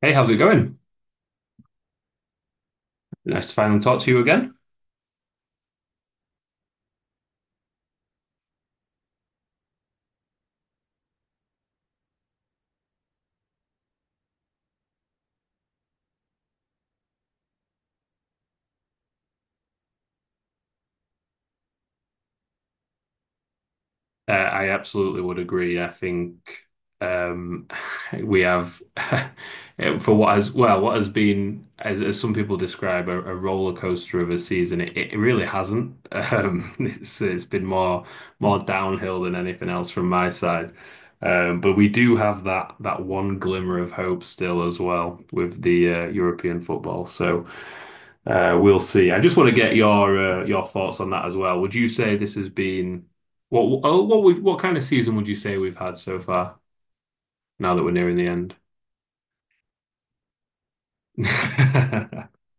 Hey, how's it going? Nice to finally talk to you again. I absolutely would agree. I think um, we have, for what has been, as some people describe, a roller coaster of a season. It really hasn't. It's been more downhill than anything else from my side. But we do have that one glimmer of hope still as well with the European football. So, we'll see. I just want to get your thoughts on that as well. Would you say this has been what oh, what we what kind of season would you say we've had so far now that we're nearing the end?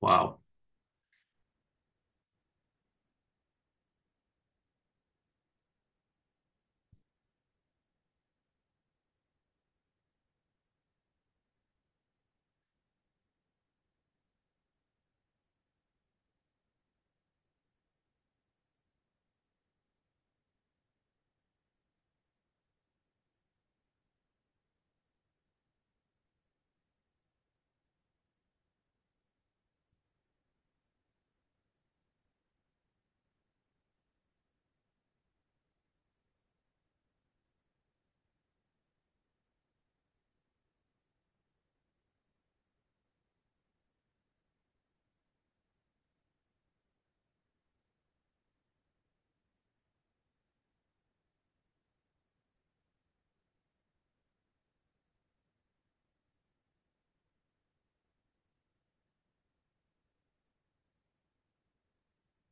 Wow.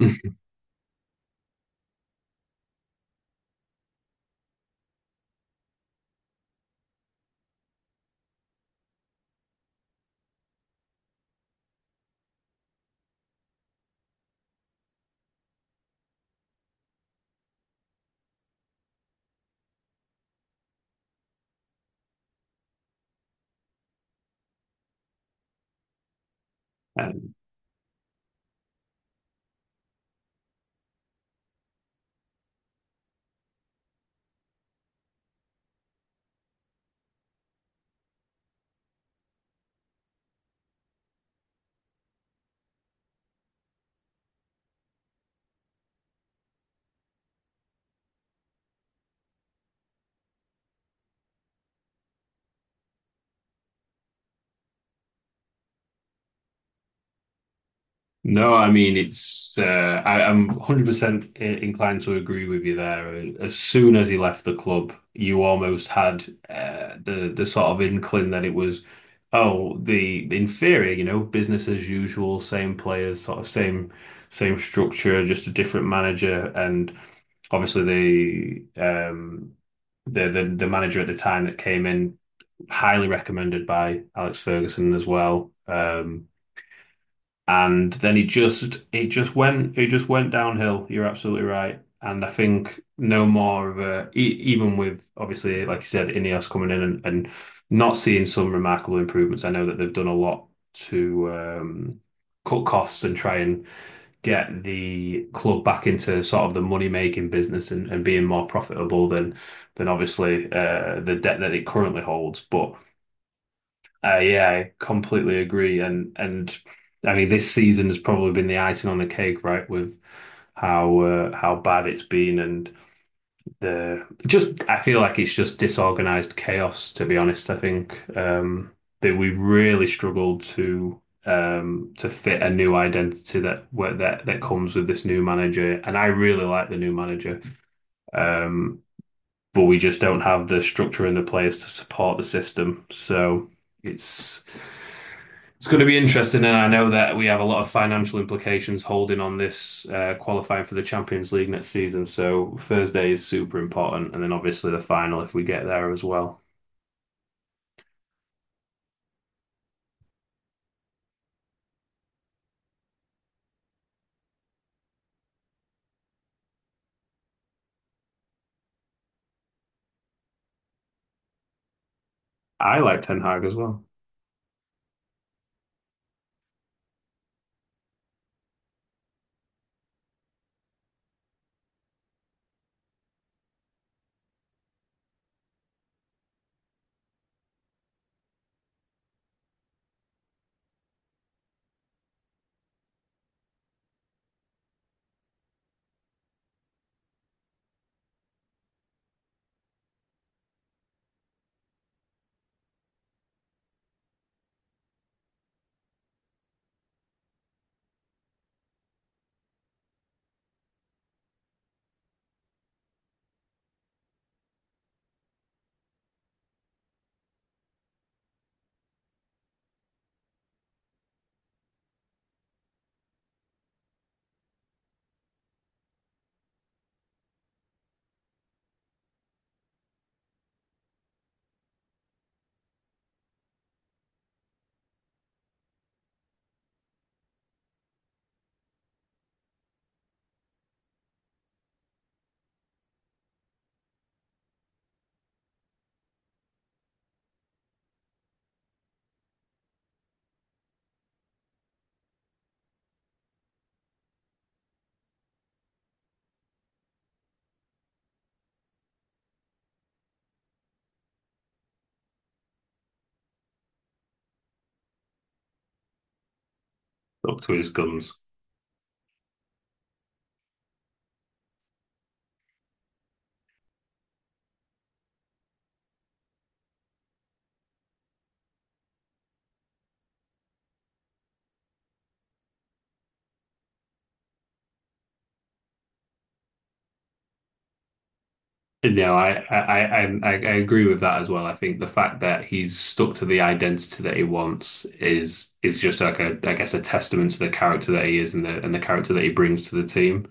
Um, No, I mean it's I'm 100% inclined to agree with you there. As soon as he left the club, you almost had the sort of inkling that it was, oh, the inferior, you know, business as usual, same players, sort of same structure, just a different manager. And obviously the um the manager at the time that came in, highly recommended by Alex Ferguson as well. And then he just it just went downhill. You're absolutely right. And I think no more of a e- even with, obviously, like you said, Ineos coming in, and not seeing some remarkable improvements. I know that they've done a lot to, cut costs and try and get the club back into sort of the money making business and being more profitable than obviously the debt that it currently holds. But yeah, I completely agree. And I mean, this season has probably been the icing on the cake, right? With how bad it's been. And the just I feel like it's just disorganized chaos, to be honest. I think that we've really struggled to, to fit a new identity that that comes with this new manager, and I really like the new manager. Um, but we just don't have the structure and the players to support the system. So it's it's going to be interesting, and I know that we have a lot of financial implications holding on this qualifying for the Champions League next season. So Thursday is super important, and then obviously the final if we get there as well. I like Ten Hag as well, up to his guns. No, I agree with that as well. I think the fact that he's stuck to the identity that he wants is just like, a, I guess, a testament to the character that he is, and the character that he brings to the team.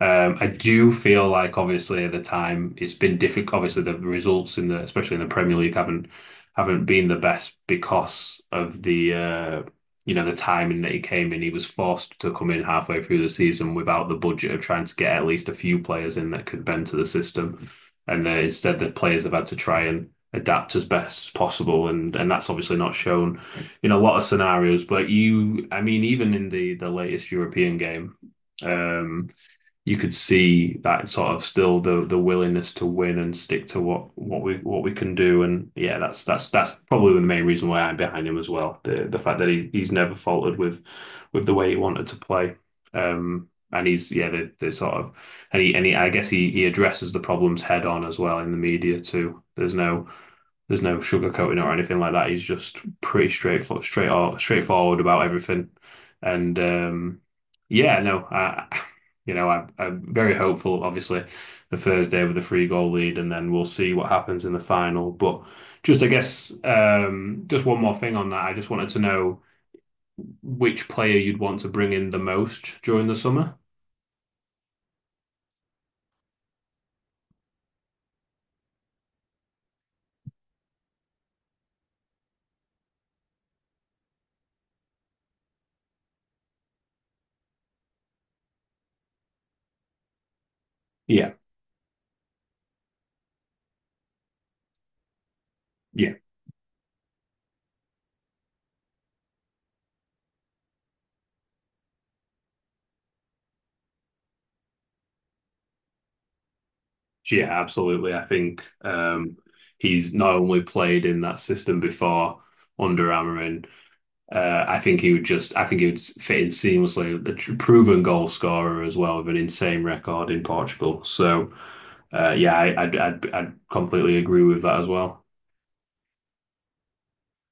I do feel like obviously at the time it's been difficult. Obviously, the results in the especially in the Premier League haven't been the best because of the, you know, the timing that he came in. He was forced to come in halfway through the season without the budget of trying to get at least a few players in that could bend to the system, and instead the players have had to try and adapt as best as possible, and that's obviously not shown in a lot of scenarios. But you, I mean, even in the latest European game. Um, you could see that sort of still the willingness to win and stick to what we can do. And yeah, that's that's probably the main reason why I'm behind him as well. The fact that he's never faltered with the way he wanted to play. And he's, yeah, the sort of, I guess he addresses the problems head on as well in the media too. There's no sugarcoating or anything like that. He's just pretty straightforward, straightforward about everything. And, yeah, no, you know, I'm very hopeful. Obviously, the Thursday with a three goal lead, and then we'll see what happens in the final. But just, I guess, just one more thing on that. I just wanted to know which player you'd want to bring in the most during the summer. Yeah. Yeah. Yeah, absolutely. I think he's not only played in that system before under Amarin. I think I think he would fit in seamlessly. A proven goal scorer as well, with an insane record in Portugal. So, yeah, I'd completely agree with that as well.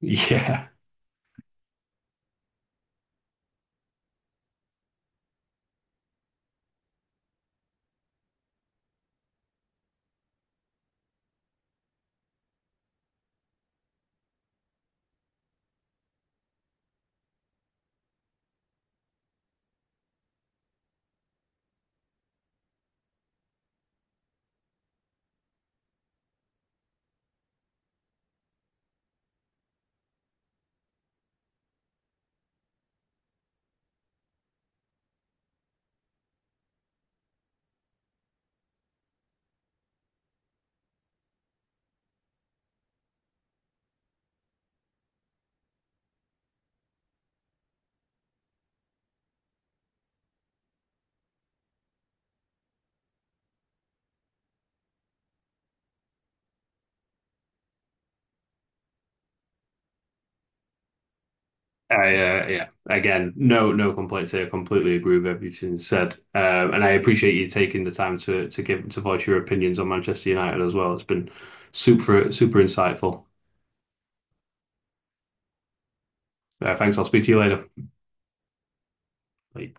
Yeah. Yeah, again, no complaints here. Completely agree with everything you said, and I appreciate you taking the time to give to voice your opinions on Manchester United as well. It's been super, super insightful. Thanks. I'll speak to you later. Bye.